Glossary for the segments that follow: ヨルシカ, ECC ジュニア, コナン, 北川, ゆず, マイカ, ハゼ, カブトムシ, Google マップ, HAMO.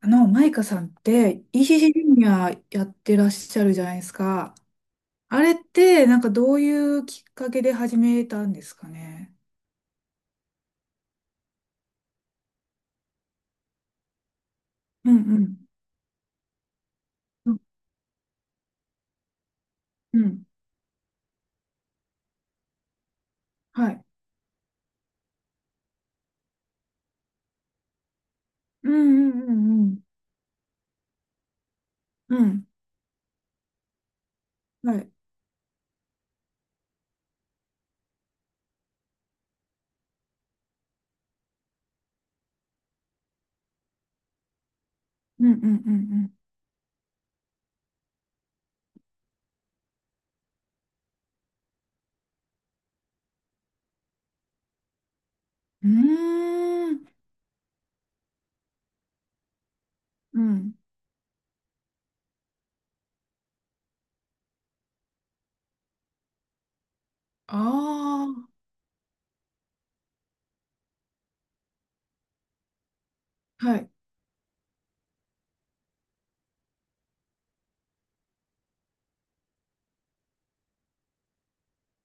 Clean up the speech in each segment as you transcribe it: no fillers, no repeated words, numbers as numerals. マイカさんって、イ c c ジュニアやってらっしゃるじゃないですか。あれって、なんかどういうきっかけで始めたんですかね？うんうん。うんうん。はい。うんうんうんうん。うん。はい。うんうんうんうん。うーん。うん。ああ。はい。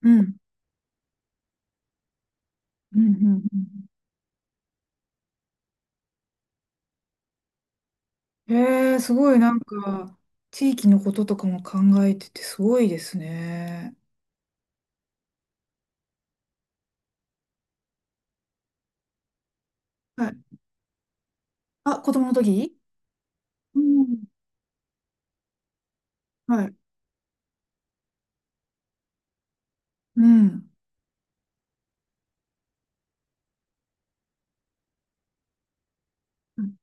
うん。うんうんうん。へえ、すごいなんか、地域のこととかも考えててすごいですね。はい。あ、子供の時。うん。はい。うん。うん。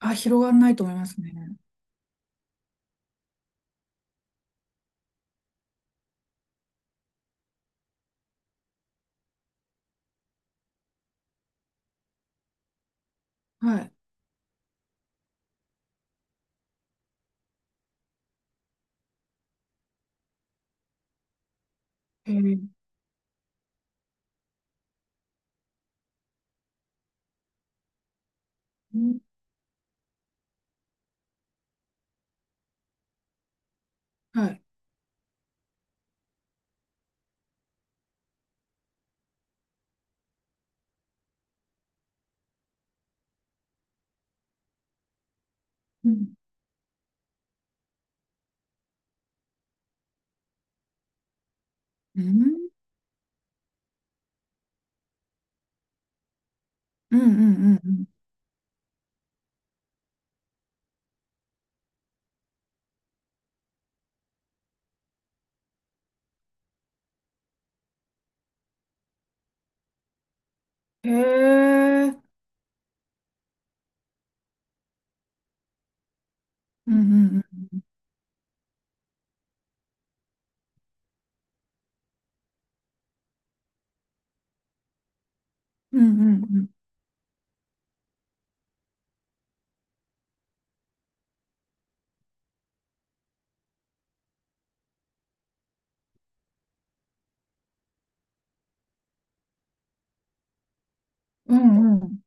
あ、広がらないと思いますね。はい。へ。うん。はい。うんうん。うんうんうんうん。へえ。うんうんうん。うんうんうん。うんうん。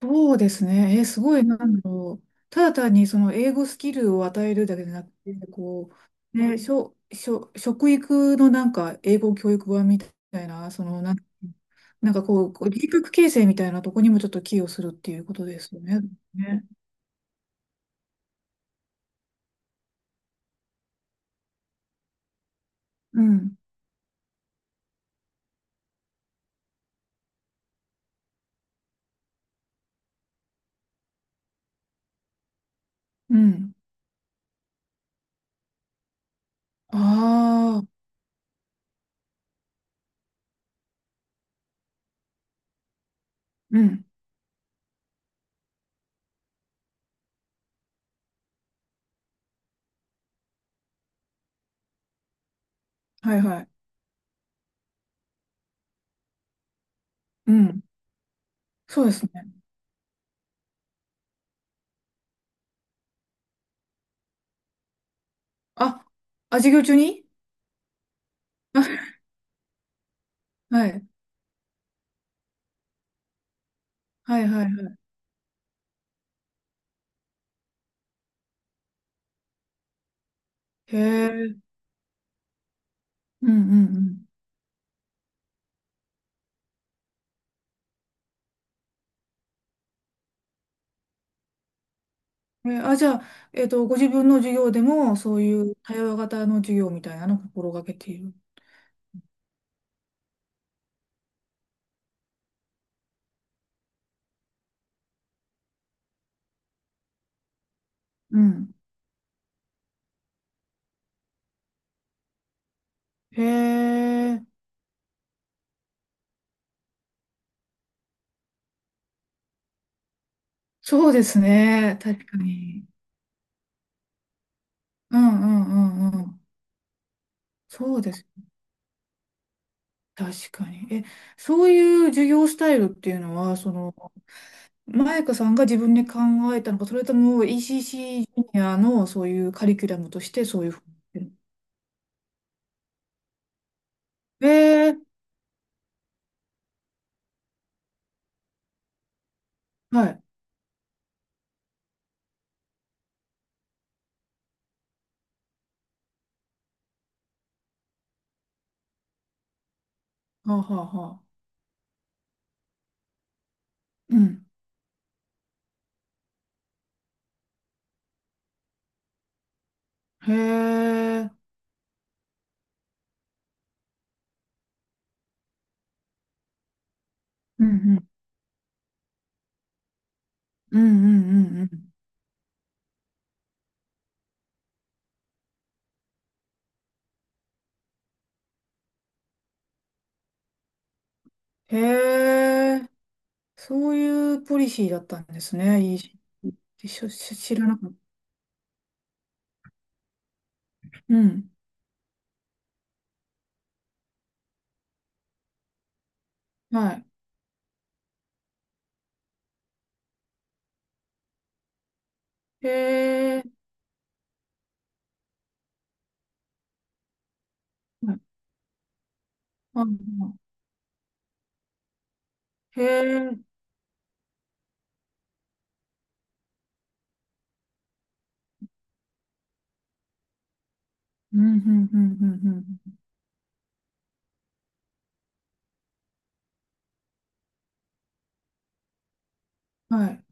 そうですね。すごい、なんだろう。ただ単にその英語スキルを与えるだけじゃなくて、こう、ね、しょ、しょ、食育のなんか英語教育版みたいな、その、なんかこう人格形成みたいなとこにもちょっと寄与するっていうことですよね。ね。うん。うん。ああ、うん。はいはい。うん。そうですね。あ、あ、授業中に はい。はいはいはい。へえ。うんうんうん。え、あ、じゃあ、ご自分の授業でも、そういう対話型の授業みたいなのを心がけている。うん。へえ。そうですね。確かに。うんうんうんうん。そうです。確かに。え、そういう授業スタイルっていうのは、その、マイカさんが自分で考えたのか、それとも ECC ジュニアのそういうカリキュラムとしてそういうふうに。えーはい。はあ、はあ、はあ。うん。へえ。うんうん。うんうんうんうん。へえ。そういうポリシーだったんですね。ECC ししし知らなかった。うん。はい。へえ。はい。ああ。へえ。うんうんうんうんうん。はい。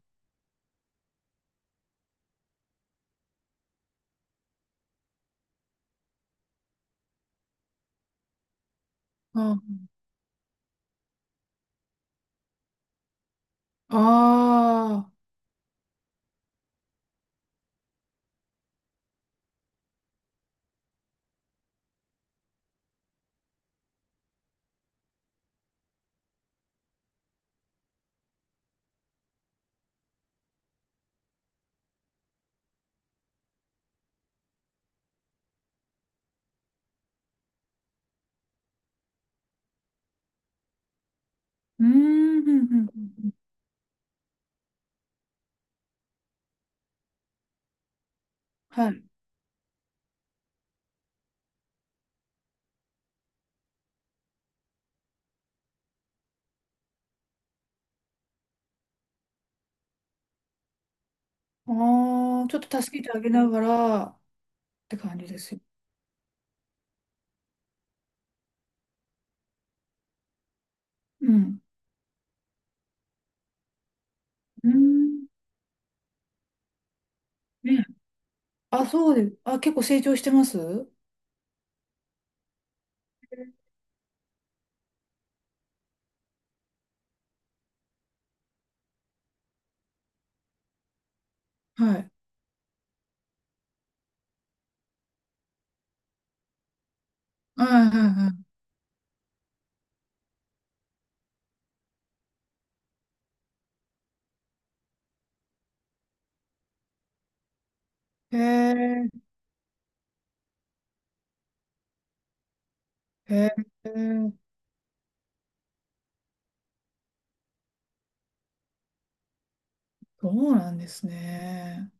ああ。ああ。うんうんうんうん。はい。ああ、ちょっと助けてあげながらって感じですよ。うん。うん。ね。あ、そうです。あ、結構成長してます。はい。はいはいはい。へえ、へえ、そうなんですね。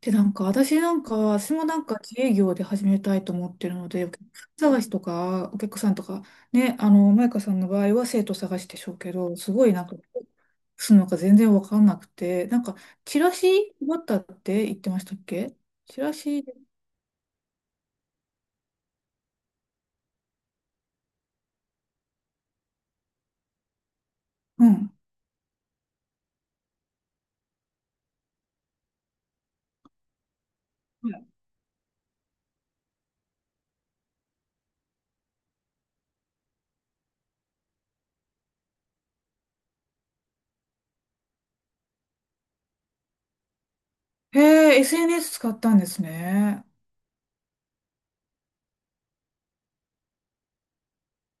で、なんか、私もなんか自営業で始めたいと思ってるので、お客さん探しとか、お客さんとか、ね、あの、マイカさんの場合は生徒探しでしょうけど、すごいなんか、するのか全然わかんなくて、なんか、チラシ配ったって言ってましたっけ？チラシ、うん。はい。へえ、SNS 使ったんですね。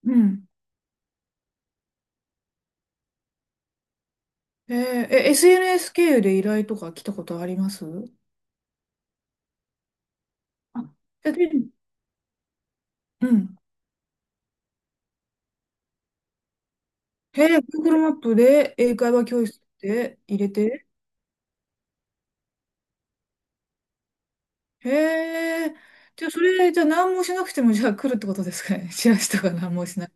うん。へえ、SNS 経由で依頼とか来たことあります？あ、え、で、うん。へえ、Google マップで英会話教室で入れて、へえ。じゃあ、それ、じゃあ何もしなくても、じゃあ来るってことですかね？チラシとか何もしない。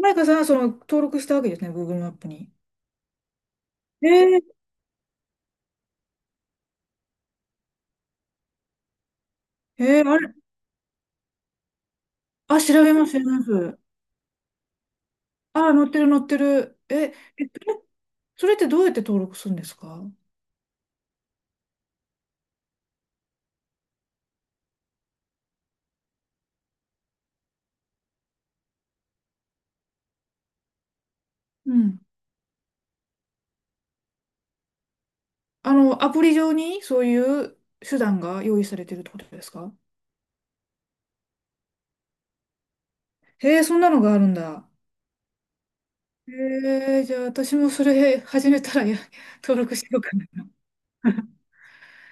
マイカさんはその登録したわけですね、Google マップに。えー、えー、あれ、あ、調べます、調べます。あ、載ってる、載ってる。え、え、それそれってどうやって登録するんですか？うん。あの、アプリ上にそういう手段が用意されてるってことですか？へえ、そんなのがあるんだ。じゃあ私もそれ始めたらや、登録しようかな。